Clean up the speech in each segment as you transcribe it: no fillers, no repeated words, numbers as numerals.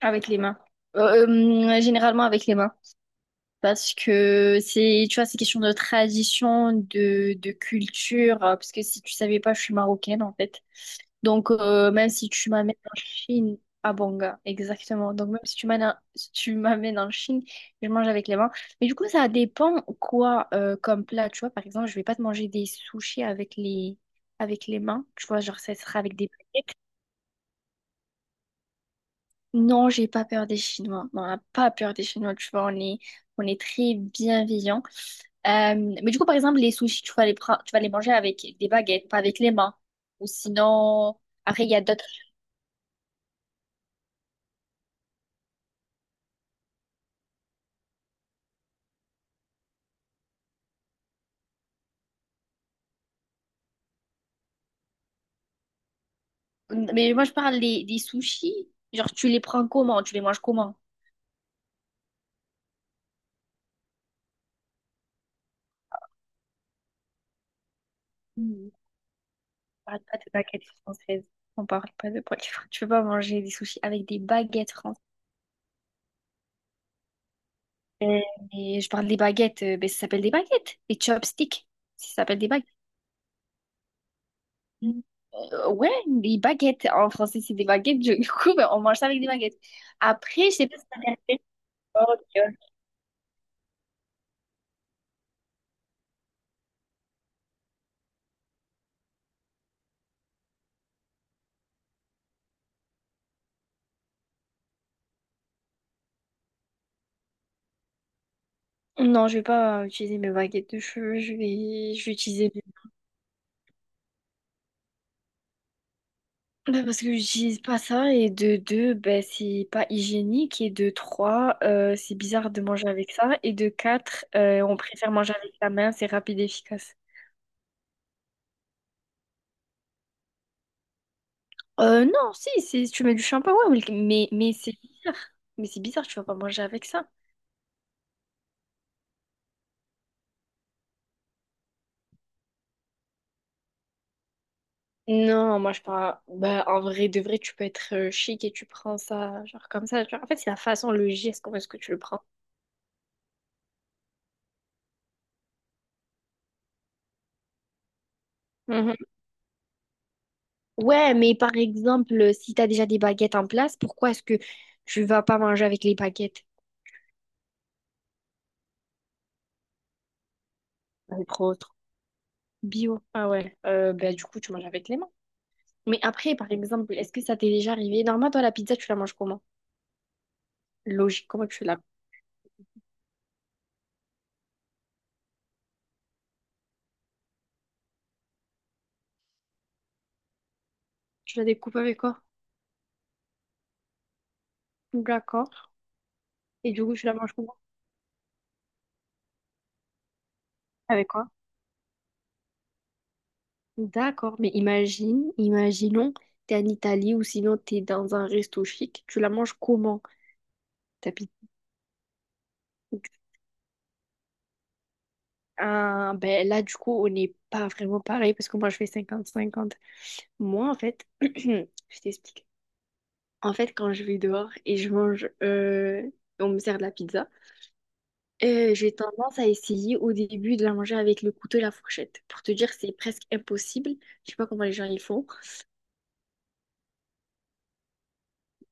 Avec les mains. Généralement avec les mains. Parce que c'est, tu vois, c'est question de tradition, de culture. Parce que si tu savais pas, je suis marocaine, en fait. Donc, même si tu m'amènes en Chine, à Banga, exactement. Donc, même si tu m'amènes, si tu m'amènes en Chine, je mange avec les mains. Mais du coup, ça dépend quoi comme plat. Tu vois, par exemple, je vais pas te manger des sushis avec avec les mains. Tu vois, genre, ça sera avec des paillettes. Non, j'ai pas peur des Chinois. Non, on n'a pas peur des Chinois, tu vois, on est très bienveillants. Euh, mais du coup, par exemple, les sushis, tu vas tu vas les manger avec des baguettes, pas avec les mains. Ou sinon, après, il y a d'autres. Mais moi, je parle des sushis. Genre, tu les prends comment? Tu les manges comment? Mm. On parle pas de baguettes françaises. On parle pas de baguettes françaises. Tu peux pas manger des sushis avec des baguettes françaises. Euh, Et je parle des baguettes, ben, ça s'appelle des baguettes. Des chopsticks, ça s'appelle des baguettes. Ouais, des baguettes. En français, c'est des baguettes. Je- Du coup, ben, on mange ça avec des baguettes. Après, je sais pas si t'as fait sport, tu vois. Non, je vais pas utiliser mes baguettes de cheveux. Je vais utiliser. Ben, parce que j'utilise pas ça. Et de deux, ben, c'est pas hygiénique. Et de trois, c'est bizarre de manger avec ça. Et de quatre, on préfère manger avec la main. C'est rapide et efficace. Non, si, c'est, tu mets du shampoing, ouais, mais c'est bizarre. Mais c'est bizarre, tu vas pas manger avec ça. Non, moi je parle. Bah, en vrai, de vrai, tu peux être chic et tu prends ça, genre comme ça, tu vois. En fait, c'est la façon, le geste, comment est-ce que tu le prends. Mhm. Ouais, mais par exemple, si t'as déjà des baguettes en place, pourquoi est-ce que tu vas pas manger avec les baguettes? Entre autres. Bio. Ah ouais. Bah, du coup, tu manges avec les mains. Mais après, par exemple, est-ce que ça t'est déjà arrivé? Normalement, toi, la pizza, tu la manges comment? Logique, comment tu la… Tu la découpes avec quoi? D'accord. Et du coup, tu la manges comment? Avec quoi? D'accord, mais imaginons, t'es en Italie ou sinon t'es dans un resto chic, tu la manges comment? T'habites… Ah, ben là, du coup, on n'est pas vraiment pareil parce que moi, je fais cinquante cinquante. Moi, en fait, je t'explique. En fait, quand je vais dehors et je mange, on me sert de la pizza, j'ai tendance à essayer au début de la manger avec le couteau et la fourchette. Pour te dire, c'est presque impossible. Je sais pas comment les gens y font.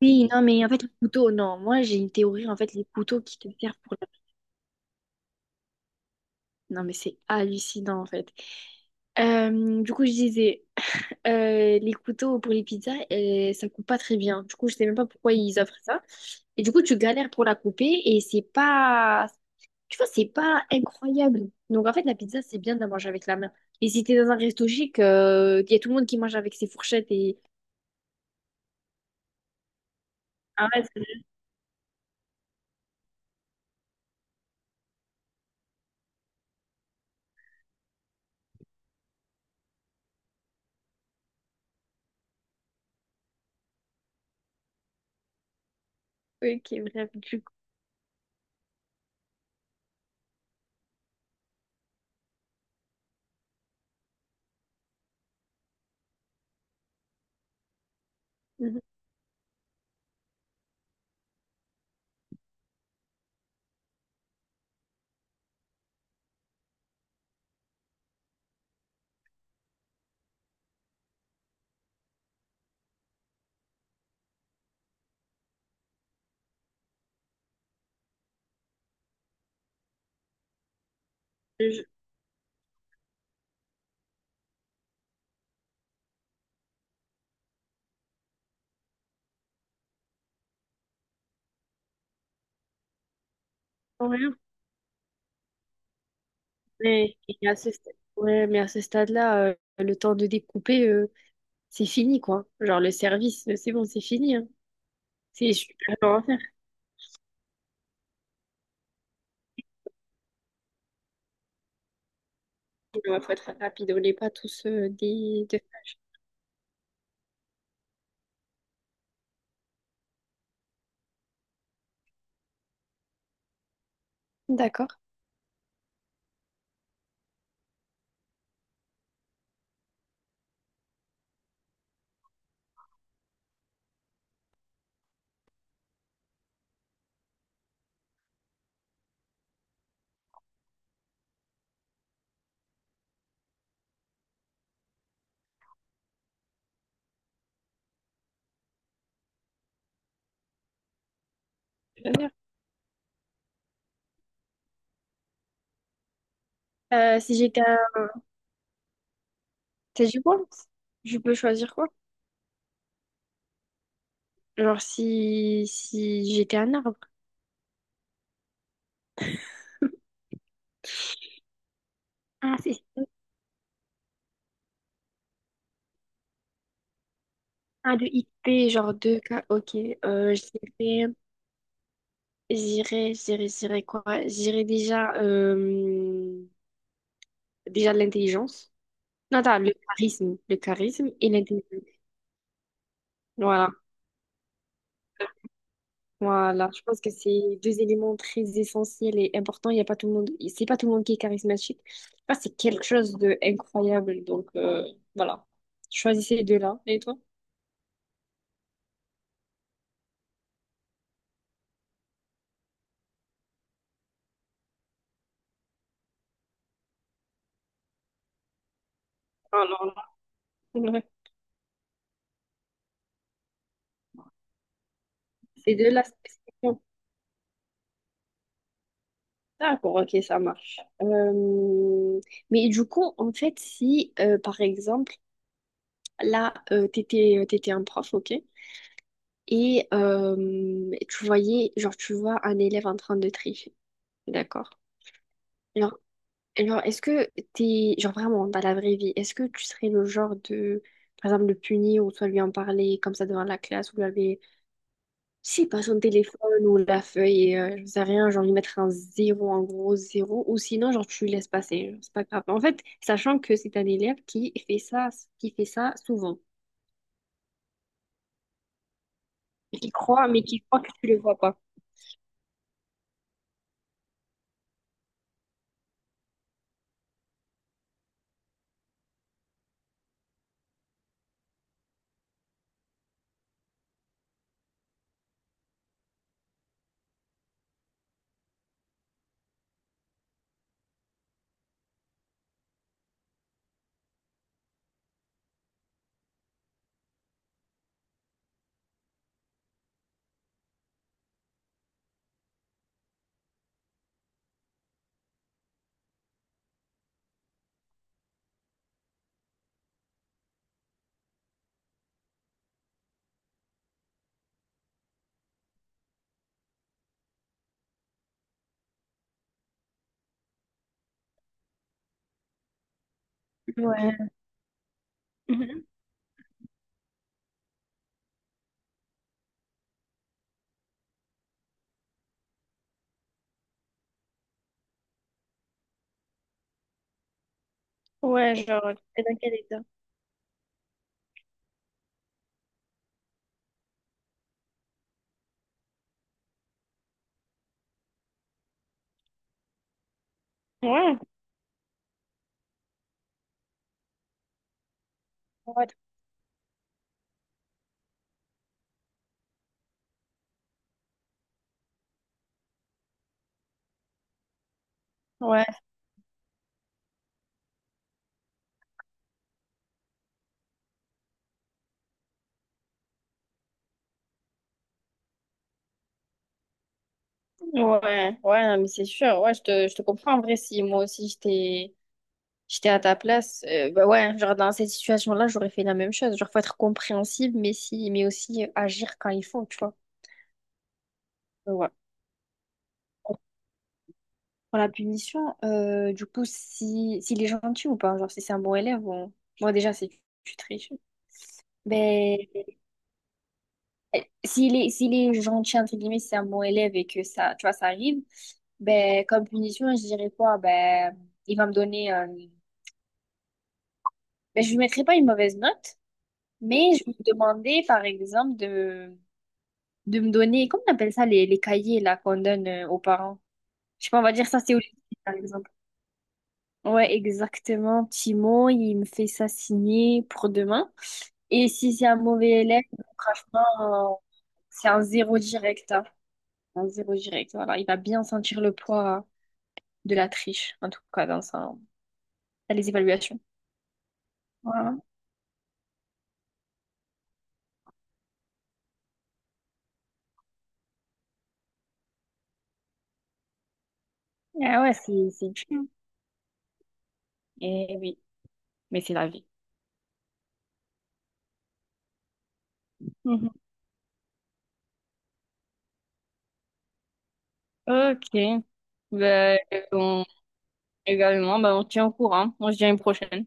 Oui, non, mais en fait, le couteau, non. Moi, j'ai une théorie, en fait, les couteaux qui te servent pour non, mais c'est hallucinant en fait. Du coup, je disais, les couteaux pour les pizzas, ça coupe pas très bien. Du coup, je sais même pas pourquoi ils offrent ça. Et du coup, tu galères pour la couper et c'est pas, tu vois, c'est pas incroyable. Donc, en fait, la pizza, c'est bien de la manger avec la main. Et si t'es dans un resto chic, il y a tout le monde qui mange avec ses fourchettes et… Ah ouais, c'est… Ok, bref, du coup, mhm. Je- Ouais, mais, et à ce stade… ouais, mais à ce stade-là, le temps de découper… c'est fini, quoi. Genre, le service, c'est bon, c'est fini, hein. C'est, je peux rien en faire. Il faut être rapide. On n'est pas tous des… de- D'accord. Très bien. Si j'étais un… T'as du bois? Je peux choisir quoi? Genre, si, si j'étais un arbre. Ah, c'est un de IP, genre deux k. Ok. Euh, j'irais, J'irais quoi? J'irais déjà, déjà de l'intelligence. Non, attends, le charisme. Le charisme et l'intelligence. Voilà. Voilà, je pense que c'est deux éléments très essentiels et importants. Il y a pas tout le monde, c'est pas tout le monde qui est charismatique. Là, c'est quelque chose de incroyable. Donc voilà, choisissez les deux-là. Et toi? Alors là, ouais. Ces deux-là spécifiquement. D'accord, ok, ça marche. Mais du coup, en fait, si par exemple, là, t'étais, t'étais un prof, ok, et tu voyais, genre, tu vois un élève en train de tricher, d'accord? Genre, et genre, est-ce que t'es, genre vraiment, dans la vraie vie, est-ce que tu serais le genre de, par exemple, le punir ou soit lui en parler comme ça devant la classe ou lui avait, je sais pas, son téléphone ou la feuille, je sais rien, genre lui mettre un zéro, en gros zéro, ou sinon, genre, tu lui laisses passer, genre, c'est pas grave. En fait, sachant que c'est un élève qui fait ça souvent, et qui croit, mais qui croit que tu le vois pas. Ouais, ouais, ouais, ouais, ouais, non, mais c'est sûr. Ouais, je te comprends. En vrai, si moi aussi j'étais j'étais à ta place. Bah ouais, genre dans cette situation-là, j'aurais fait la même chose. Genre, faut être compréhensible, mais si, mais aussi agir quand il faut, tu vois. Ouais. Pour la punition, du coup, si, s'il est gentil ou pas, genre si c'est un bon élève, bon, moi déjà, c'est tu triches. Ben, s'il est gentil, entre guillemets, si c'est un bon élève et que ça, tu vois, ça arrive, ben, comme punition, je dirais quoi? Ben, il va me donner, ben, je lui mettrai pas une mauvaise note, mais je vais lui demander, par exemple, de me donner, comment on appelle ça, les cahiers là qu'on donne aux parents? Je sais pas, on va dire ça, c'est au lycée, par exemple. Ouais, exactement. Timon, il me fait ça signer pour demain. Et si c'est un mauvais élève, franchement, c'est un zéro direct, hein. Un zéro direct, voilà. Il va bien sentir le poids de la triche, en tout cas, dans sa- dans les évaluations. Voilà. Ah ouais, c'est dur. Eh oui, mais c'est la vie. Mhm. Ok. Ben, on- également, ben, on tient au courant. On se dit à une prochaine.